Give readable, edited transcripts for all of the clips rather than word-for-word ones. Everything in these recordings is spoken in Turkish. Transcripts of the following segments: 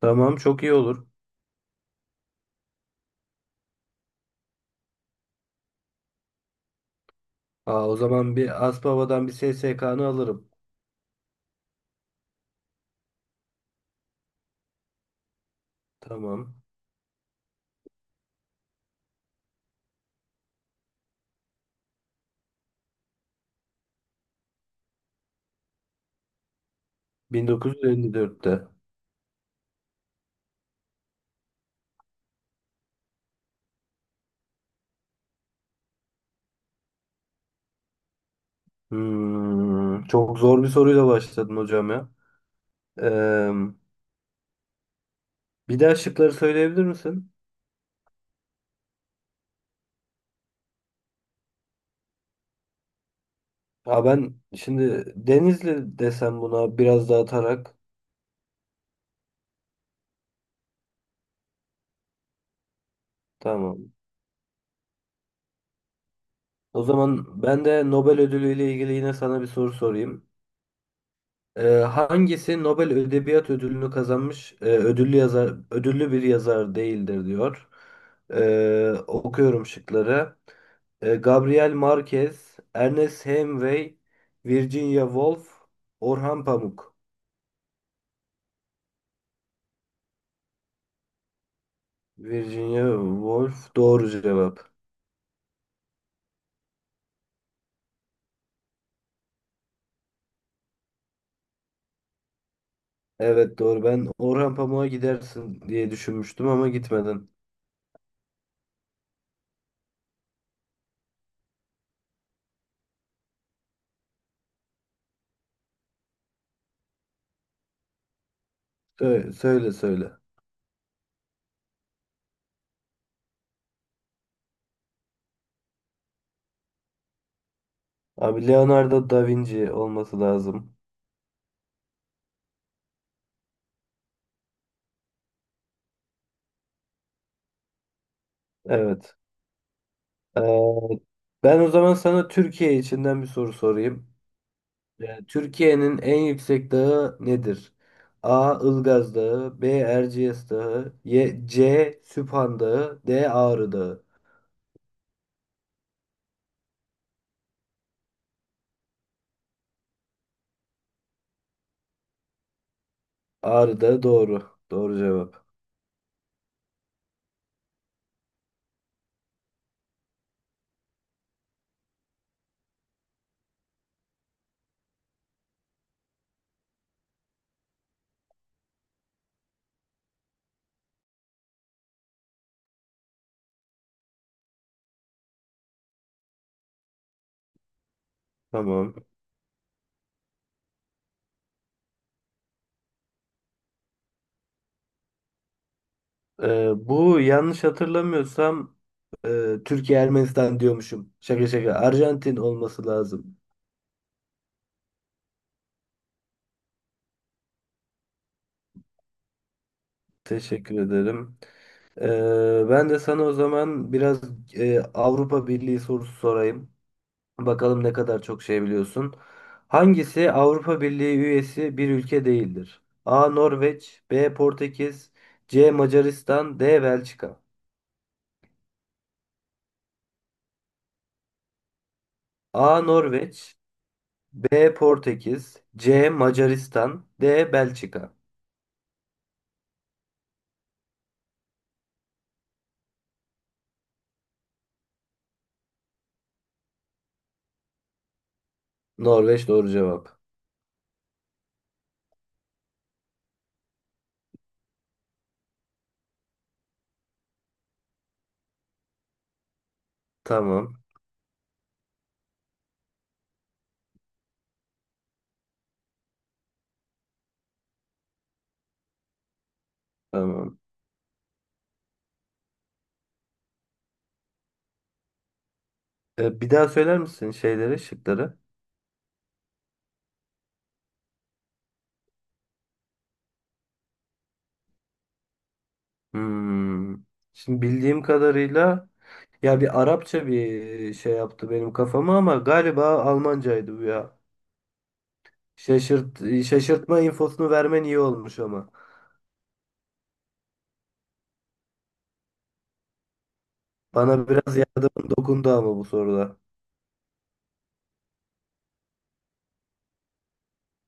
Tamam çok iyi olur. Aa, o zaman bir Aspava'dan bir SSK'nı alırım. Tamam. 1954'te. Hmm, çok zor bir soruyla başladın hocam ya. Ee, bir daha şıkları söyleyebilir misin? Aa, ben şimdi Denizli desem buna biraz dağıtarak. Tamam. O zaman ben de Nobel ödülü ile ilgili yine sana bir soru sorayım. Hangisi Nobel Edebiyat Ödülünü kazanmış ödüllü bir yazar değildir diyor. Okuyorum şıkları. Gabriel Marquez, Ernest Hemingway, Virginia Woolf, Orhan Pamuk. Virginia Woolf doğru cevap. Evet doğru. Ben Orhan Pamuk'a gidersin diye düşünmüştüm ama gitmedin. Söyle söyle. Söyle. Abi Leonardo da Vinci olması lazım. Evet. Ben o zaman sana Türkiye içinden bir soru sorayım. Türkiye'nin en yüksek dağı nedir? A. Ilgaz Dağı, B. Erciyes Dağı, C. Süphan Dağı, D. Ağrı Dağı. Ağrı Dağı doğru. Doğru cevap. Tamam. Bu yanlış hatırlamıyorsam Türkiye Ermenistan diyormuşum. Şaka şaka. Arjantin olması lazım. Teşekkür ederim. Ben de sana o zaman biraz Avrupa Birliği sorusu sorayım. Bakalım ne kadar çok şey biliyorsun. Hangisi Avrupa Birliği üyesi bir ülke değildir? A. Norveç, B. Portekiz, C. Macaristan, D. Belçika. A. Norveç, B. Portekiz, C. Macaristan, D. Belçika. Norveç doğru cevap. Tamam. Tamam. Bir daha söyler misin şıkları? Hmm. Şimdi bildiğim kadarıyla ya bir Arapça bir şey yaptı benim kafama ama galiba Almancaydı bu ya. Şaşırt, şaşırtma infosunu vermen iyi olmuş ama. Bana biraz yardımın dokundu ama bu soruda.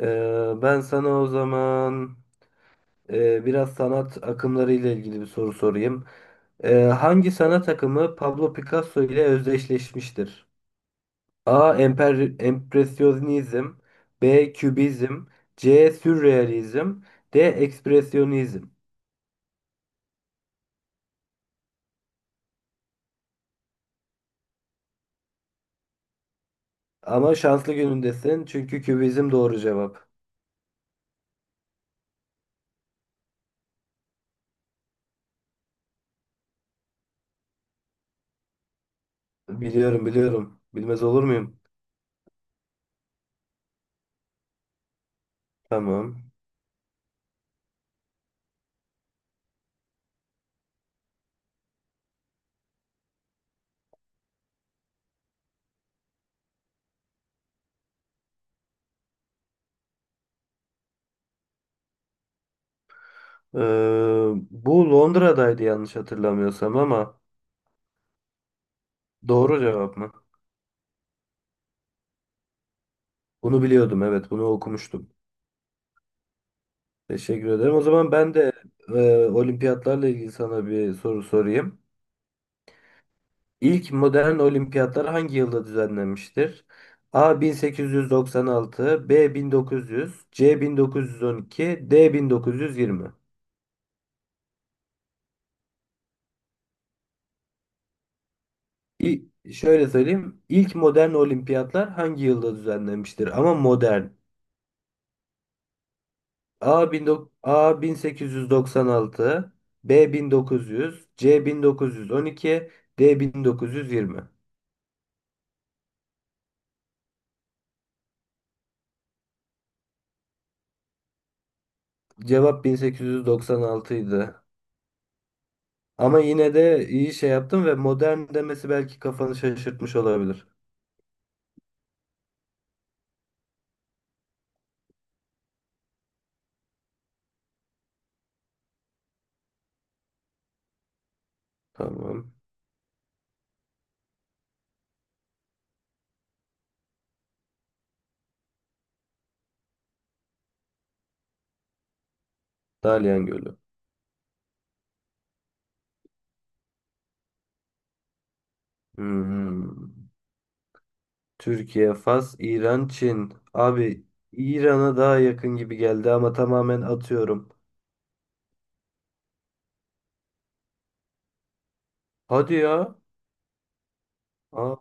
Ben sana o zaman biraz sanat akımları ile ilgili bir soru sorayım. Hangi sanat akımı Pablo Picasso ile özdeşleşmiştir? A. Empresyonizm, B. Kübizm, C. Sürrealizm, D. Ekspresyonizm. Ama şanslı günündesin çünkü kübizm doğru cevap. Biliyorum biliyorum. Bilmez olur muyum? Tamam. Ee, bu Londra'daydı yanlış hatırlamıyorsam ama doğru cevap mı? Bunu biliyordum, evet, bunu okumuştum. Teşekkür ederim. O zaman ben de olimpiyatlarla ilgili sana bir soru sorayım. İlk modern olimpiyatlar hangi yılda düzenlenmiştir? A 1896, B 1900, C 1912, D 1920. Şöyle söyleyeyim. İlk modern olimpiyatlar hangi yılda düzenlenmiştir? Ama modern. A 1896, B 1900, C 1912, D 1920. Cevap 1896 idi. Ama yine de iyi şey yaptım ve modern demesi belki kafanı şaşırtmış olabilir. Tamam. Dalyan Gölü. Hmm. Türkiye, Fas, İran, Çin. Abi, İran'a daha yakın gibi geldi ama tamamen atıyorum. Hadi ya. Aa,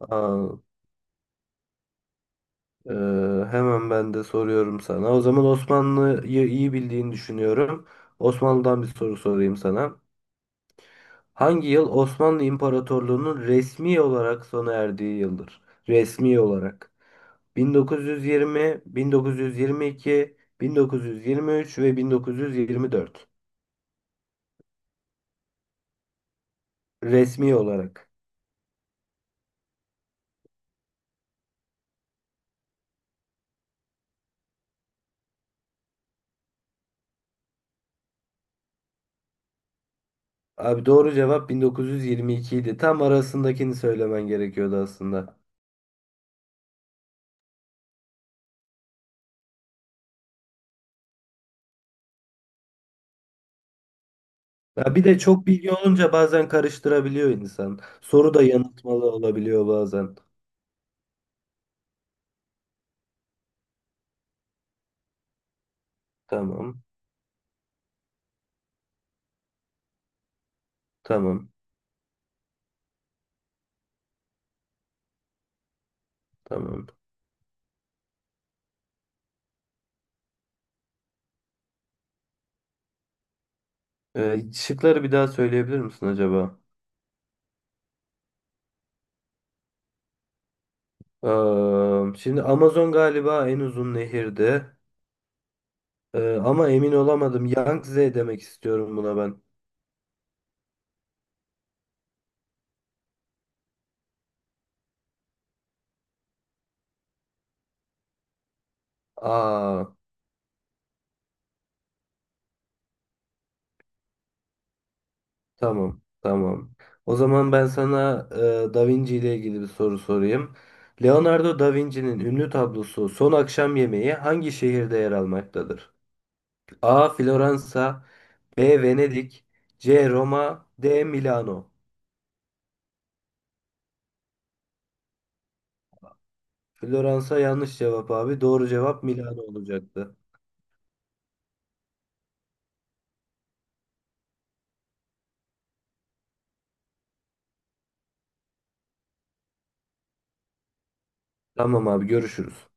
Aa, e, hemen ben de soruyorum sana. O zaman Osmanlı'yı iyi bildiğini düşünüyorum. Osmanlı'dan bir soru sorayım sana. Hangi yıl Osmanlı İmparatorluğu'nun resmi olarak sona erdiği yıldır? Resmi olarak. 1920, 1922, 1923 ve 1924. Resmi olarak. Abi doğru cevap 1922 idi. Tam arasındakini söylemen gerekiyordu aslında. Ya bir de çok bilgi olunca bazen karıştırabiliyor insan. Soru da yanıltmalı olabiliyor bazen. Tamam, tamam, tamam. Şıkları bir daha söyleyebilir misin acaba? Şimdi Amazon galiba en uzun nehirdi. Ama emin olamadım. Yangtze demek istiyorum buna ben. Aa, tamam, tamam. O zaman ben sana Da Vinci ile ilgili bir soru sorayım. Leonardo da Vinci'nin ünlü tablosu Son Akşam Yemeği hangi şehirde yer almaktadır? A. Floransa, B. Venedik, C. Roma, D. Milano. Floransa yanlış cevap abi. Doğru cevap Milano olacaktı. Tamam abi, görüşürüz.